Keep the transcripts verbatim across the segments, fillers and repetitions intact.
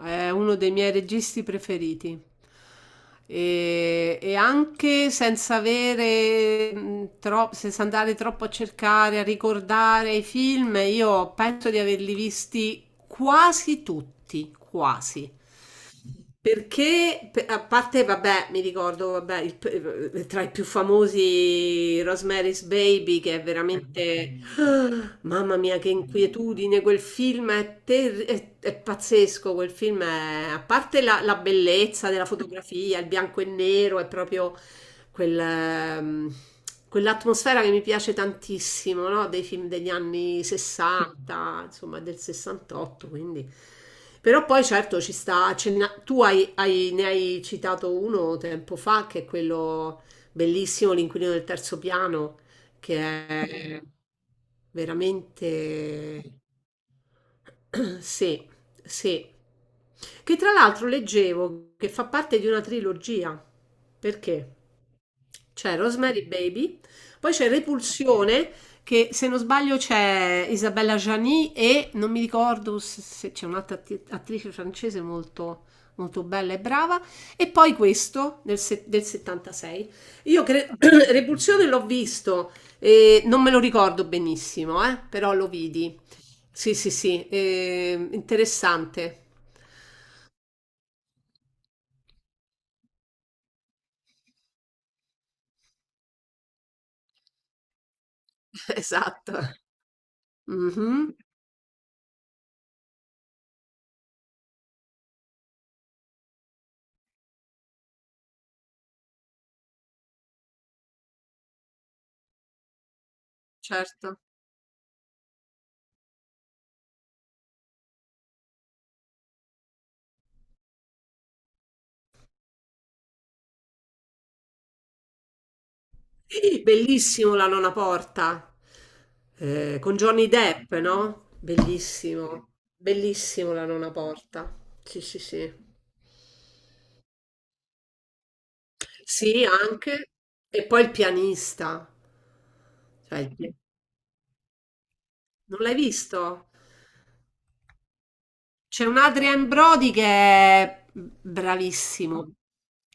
È uno dei miei registi preferiti. E, e anche senza avere mh, tro- senza andare troppo a cercare, a ricordare i film, io penso di averli visti quasi tutti, quasi. Perché, pe- a parte, vabbè, mi ricordo, vabbè, il p- eh, tra i più famosi Rosemary's Baby, che è veramente. Ah, mamma mia, che inquietudine, quel film è, terri- è- è pazzesco, quel film è. A parte la, la bellezza della fotografia, il bianco e nero, è proprio quel, ehm, quell'atmosfera che mi piace tantissimo, no? Dei film degli anni sessanta, insomma del sessantotto, quindi. Però poi certo ci sta, ce n'ha- tu hai- hai- ne hai citato uno tempo fa, che è quello bellissimo, L'inquilino del terzo piano, che è veramente. Sì, sì. Che tra l'altro leggevo che fa parte di una trilogia. Perché? C'è Rosemary Baby, poi c'è Repulsione, che se non sbaglio c'è Isabella Gianni e non mi ricordo se se c'è un'altra atti- attrice francese molto, molto bella e brava, e poi questo del, se- del settantasei. Io cre- Repulsione l'ho visto, e non me lo ricordo benissimo, eh, però lo vidi. Sì, sì, sì, eh, interessante. Esatto. Mhm, certo. Bellissimo La nona porta, eh, con Johnny Depp, no? Bellissimo, bellissimo La nona porta. Sì, sì, sì. Sì, anche. E poi il pianista. Cioè, il pi- non l'hai visto? C'è un Adrian Brody che è bravissimo.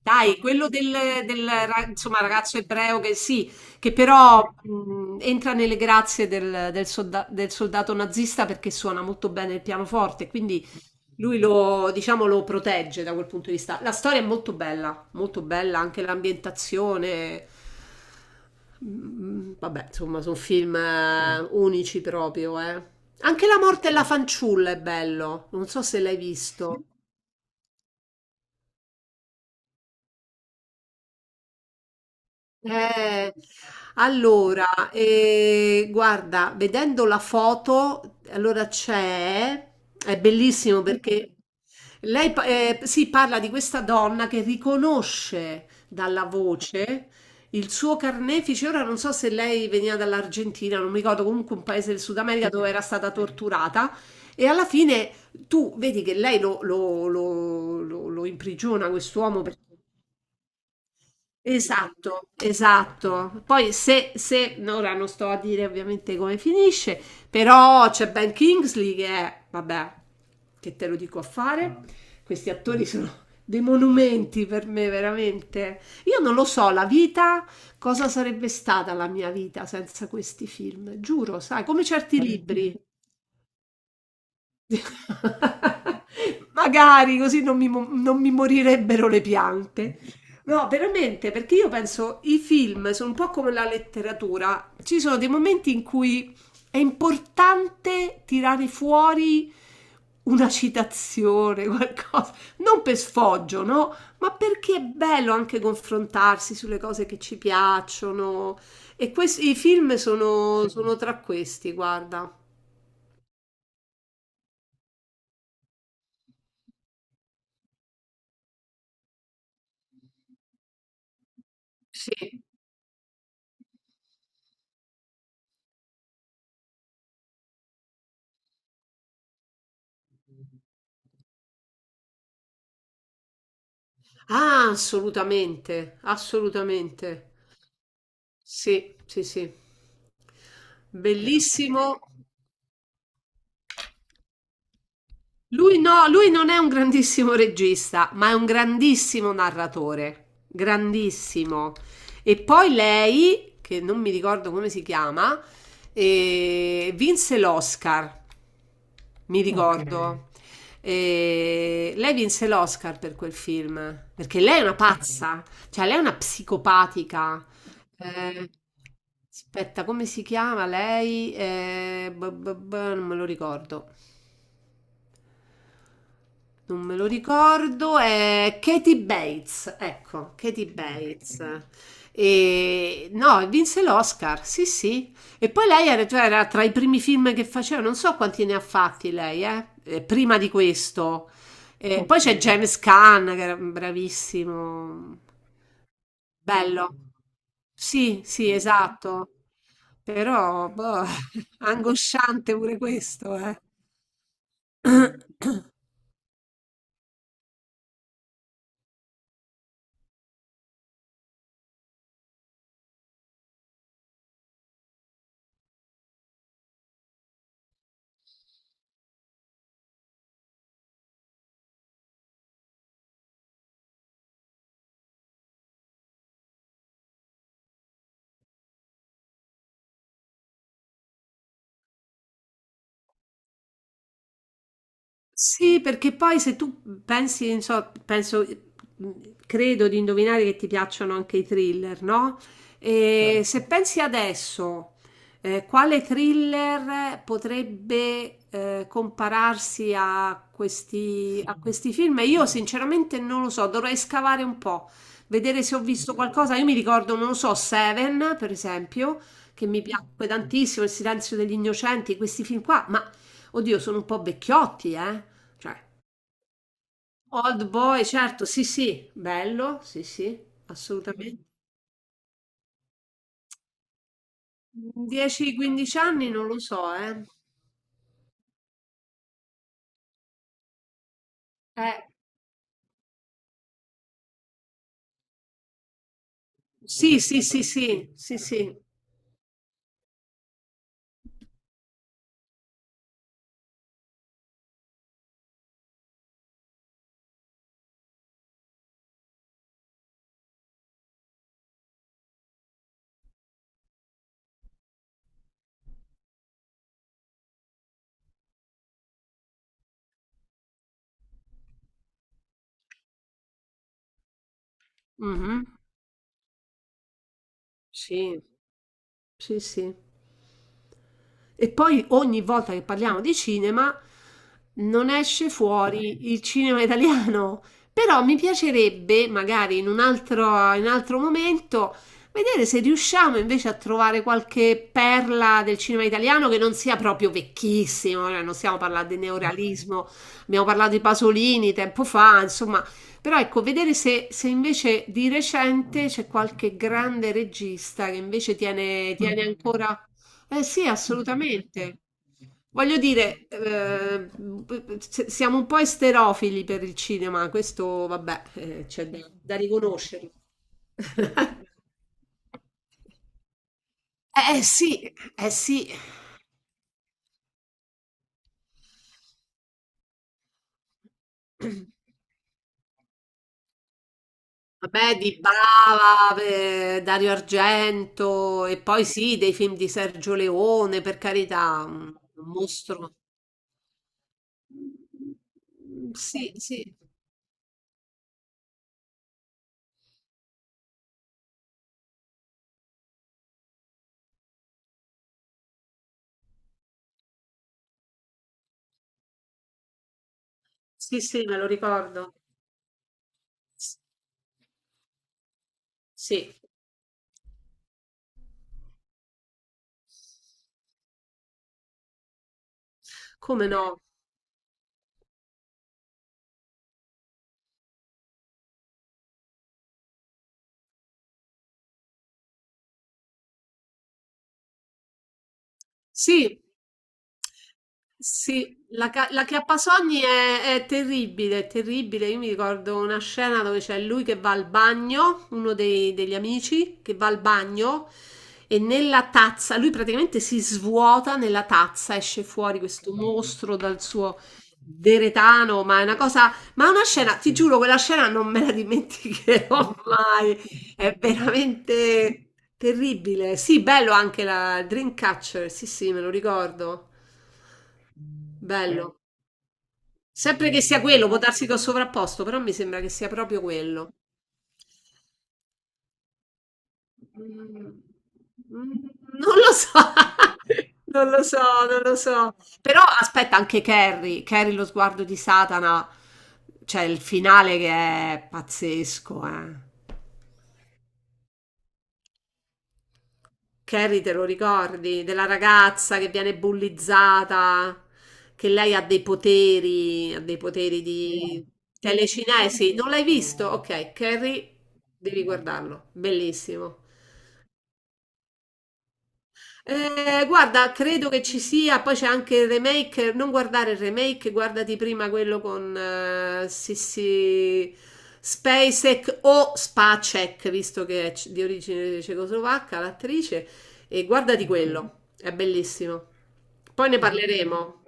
Dai, quello del, del ra- insomma, ragazzo ebreo che sì, che però mh, entra nelle grazie del, del solda- del soldato nazista perché suona molto bene il pianoforte, quindi lui lo, diciamo, lo protegge da quel punto di vista. La storia è molto bella, molto bella, anche l'ambientazione. Mm, Vabbè, insomma, sono film eh, unici proprio, eh. Anche La morte e la fanciulla è bello. Non so se l'hai visto. Eh, allora, eh, guarda, vedendo la foto, allora c'è, è bellissimo perché lei pa- eh, si parla di questa donna che riconosce dalla voce il suo carnefice. Ora non so se lei veniva dall'Argentina, non mi ricordo, comunque un paese del Sud America dove era stata torturata. E alla fine tu vedi che lei lo, lo, lo, lo, lo imprigiona quest'uomo perché. Esatto, esatto. Poi se, se, no, ora non sto a dire ovviamente come finisce, però c'è Ben Kingsley che è, vabbè, che te lo dico a fare. Questi attori sono dei monumenti per me, veramente. Io non lo so, la vita, cosa sarebbe stata la mia vita senza questi film? Giuro, sai, come certi libri. Magari così non mi mo non mi morirebbero le piante. No, veramente, perché io penso i film sono un po' come la letteratura. Ci sono dei momenti in cui è importante tirare fuori una citazione, qualcosa, non per sfoggio, no? Ma perché è bello anche confrontarsi sulle cose che ci piacciono. E questi, i film sono, sono tra questi, guarda. Sì, ah, assolutamente, assolutamente. Sì, sì, sì. Vero. Bellissimo. Lui no, lui non è un grandissimo regista, ma è un grandissimo narratore, grandissimo. E poi lei, che non mi ricordo come si chiama, eh, vinse l'Oscar, mi, ok, ricordo. Eh, lei vinse l'Oscar per quel film, perché lei è una pazza, cioè lei è una psicopatica. Eh, aspetta, come si chiama lei? Eh, b- b- b- non me lo ricordo. Non me lo ricordo, è Katie Bates, ecco, Katie Bates. E no, e vinse l'Oscar, sì, sì. E poi lei era, cioè, era tra i primi film che faceva, non so quanti ne ha fatti lei, eh, eh, prima di questo. Eh, poi c'è James Caan, che era bravissimo. Bello. Sì, sì, esatto. Però, boh, angosciante pure questo, eh. Sì, perché poi se tu pensi, non so, penso, mm, credo di indovinare che ti piacciono anche i thriller, no? E certo, se pensi adesso, eh, quale thriller potrebbe eh, compararsi a questi, a questi film? Io sinceramente non lo so, dovrei scavare un po', vedere se ho visto qualcosa. Io mi ricordo, non lo so, Seven, per esempio, che mi piacque tantissimo, Il silenzio degli innocenti, questi film qua, ma. Oddio, sono un po' vecchiotti, eh? Cioè, Old Boy, certo, sì, sì, bello, sì, sì, assolutamente. dieci quindici anni non lo so, eh. Eh, sì, sì, sì, sì, sì, sì. Mhm, sì. Sì, sì. E poi ogni volta che parliamo di cinema non esce fuori il cinema italiano. Però mi piacerebbe, magari in un altro, in un altro momento, vedere se riusciamo invece a trovare qualche perla del cinema italiano che non sia proprio vecchissimo. Cioè, non stiamo parlando di neorealismo, abbiamo parlato di Pasolini tempo fa, insomma. Però ecco, vedere se, se invece di recente c'è qualche grande regista che invece tiene, tiene ancora. Eh sì, assolutamente. Voglio dire, eh, se- siamo un po' esterofili per il cinema, questo vabbè, eh, c'è da, da riconoscerlo. Eh sì, eh sì. Vabbè, di Bava, eh, Dario Argento e poi sì, dei film di Sergio Leone, per carità, un un mostro. Mhmm, sì, Okay. sì. Sì, sì, me lo ricordo. S Sì, come no. Sì. Sì, la, ca- la acchiappasogni è, è terribile, è terribile. Io mi ricordo una scena dove c'è lui che va al bagno, uno dei- degli amici che va al bagno e nella tazza, lui praticamente si svuota nella tazza, esce fuori questo mostro dal suo deretano, ma è una cosa, ma è una scena, ti giuro, quella scena non me la dimenticherò mai. È veramente terribile. Sì, bello anche la Dreamcatcher, sì, sì, me lo ricordo. Bello. Sempre che sia quello, può darsi che ho sovrapposto, però mi sembra che sia proprio quello. Mm, mm, Non lo so, non lo so, non lo so. Però aspetta anche Carrie, Carrie lo sguardo di Satana, cioè il finale che è pazzesco, eh. Carrie, te lo ricordi? Della ragazza che viene bullizzata, che lei ha dei poteri, ha dei poteri di telecinesi. Non l'hai visto? Ok, Carrie, devi guardarlo. Bellissimo. Eh, guarda, credo che ci sia, poi c'è anche il remake, non guardare il remake, guardati prima quello con eh, Sissi Spacek o Spacek, visto che è c- di origine cecoslovacca l'attrice, e guardati quello, è bellissimo. Poi ne parleremo.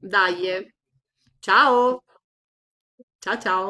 Dai, eh. Ciao, ciao, ciao.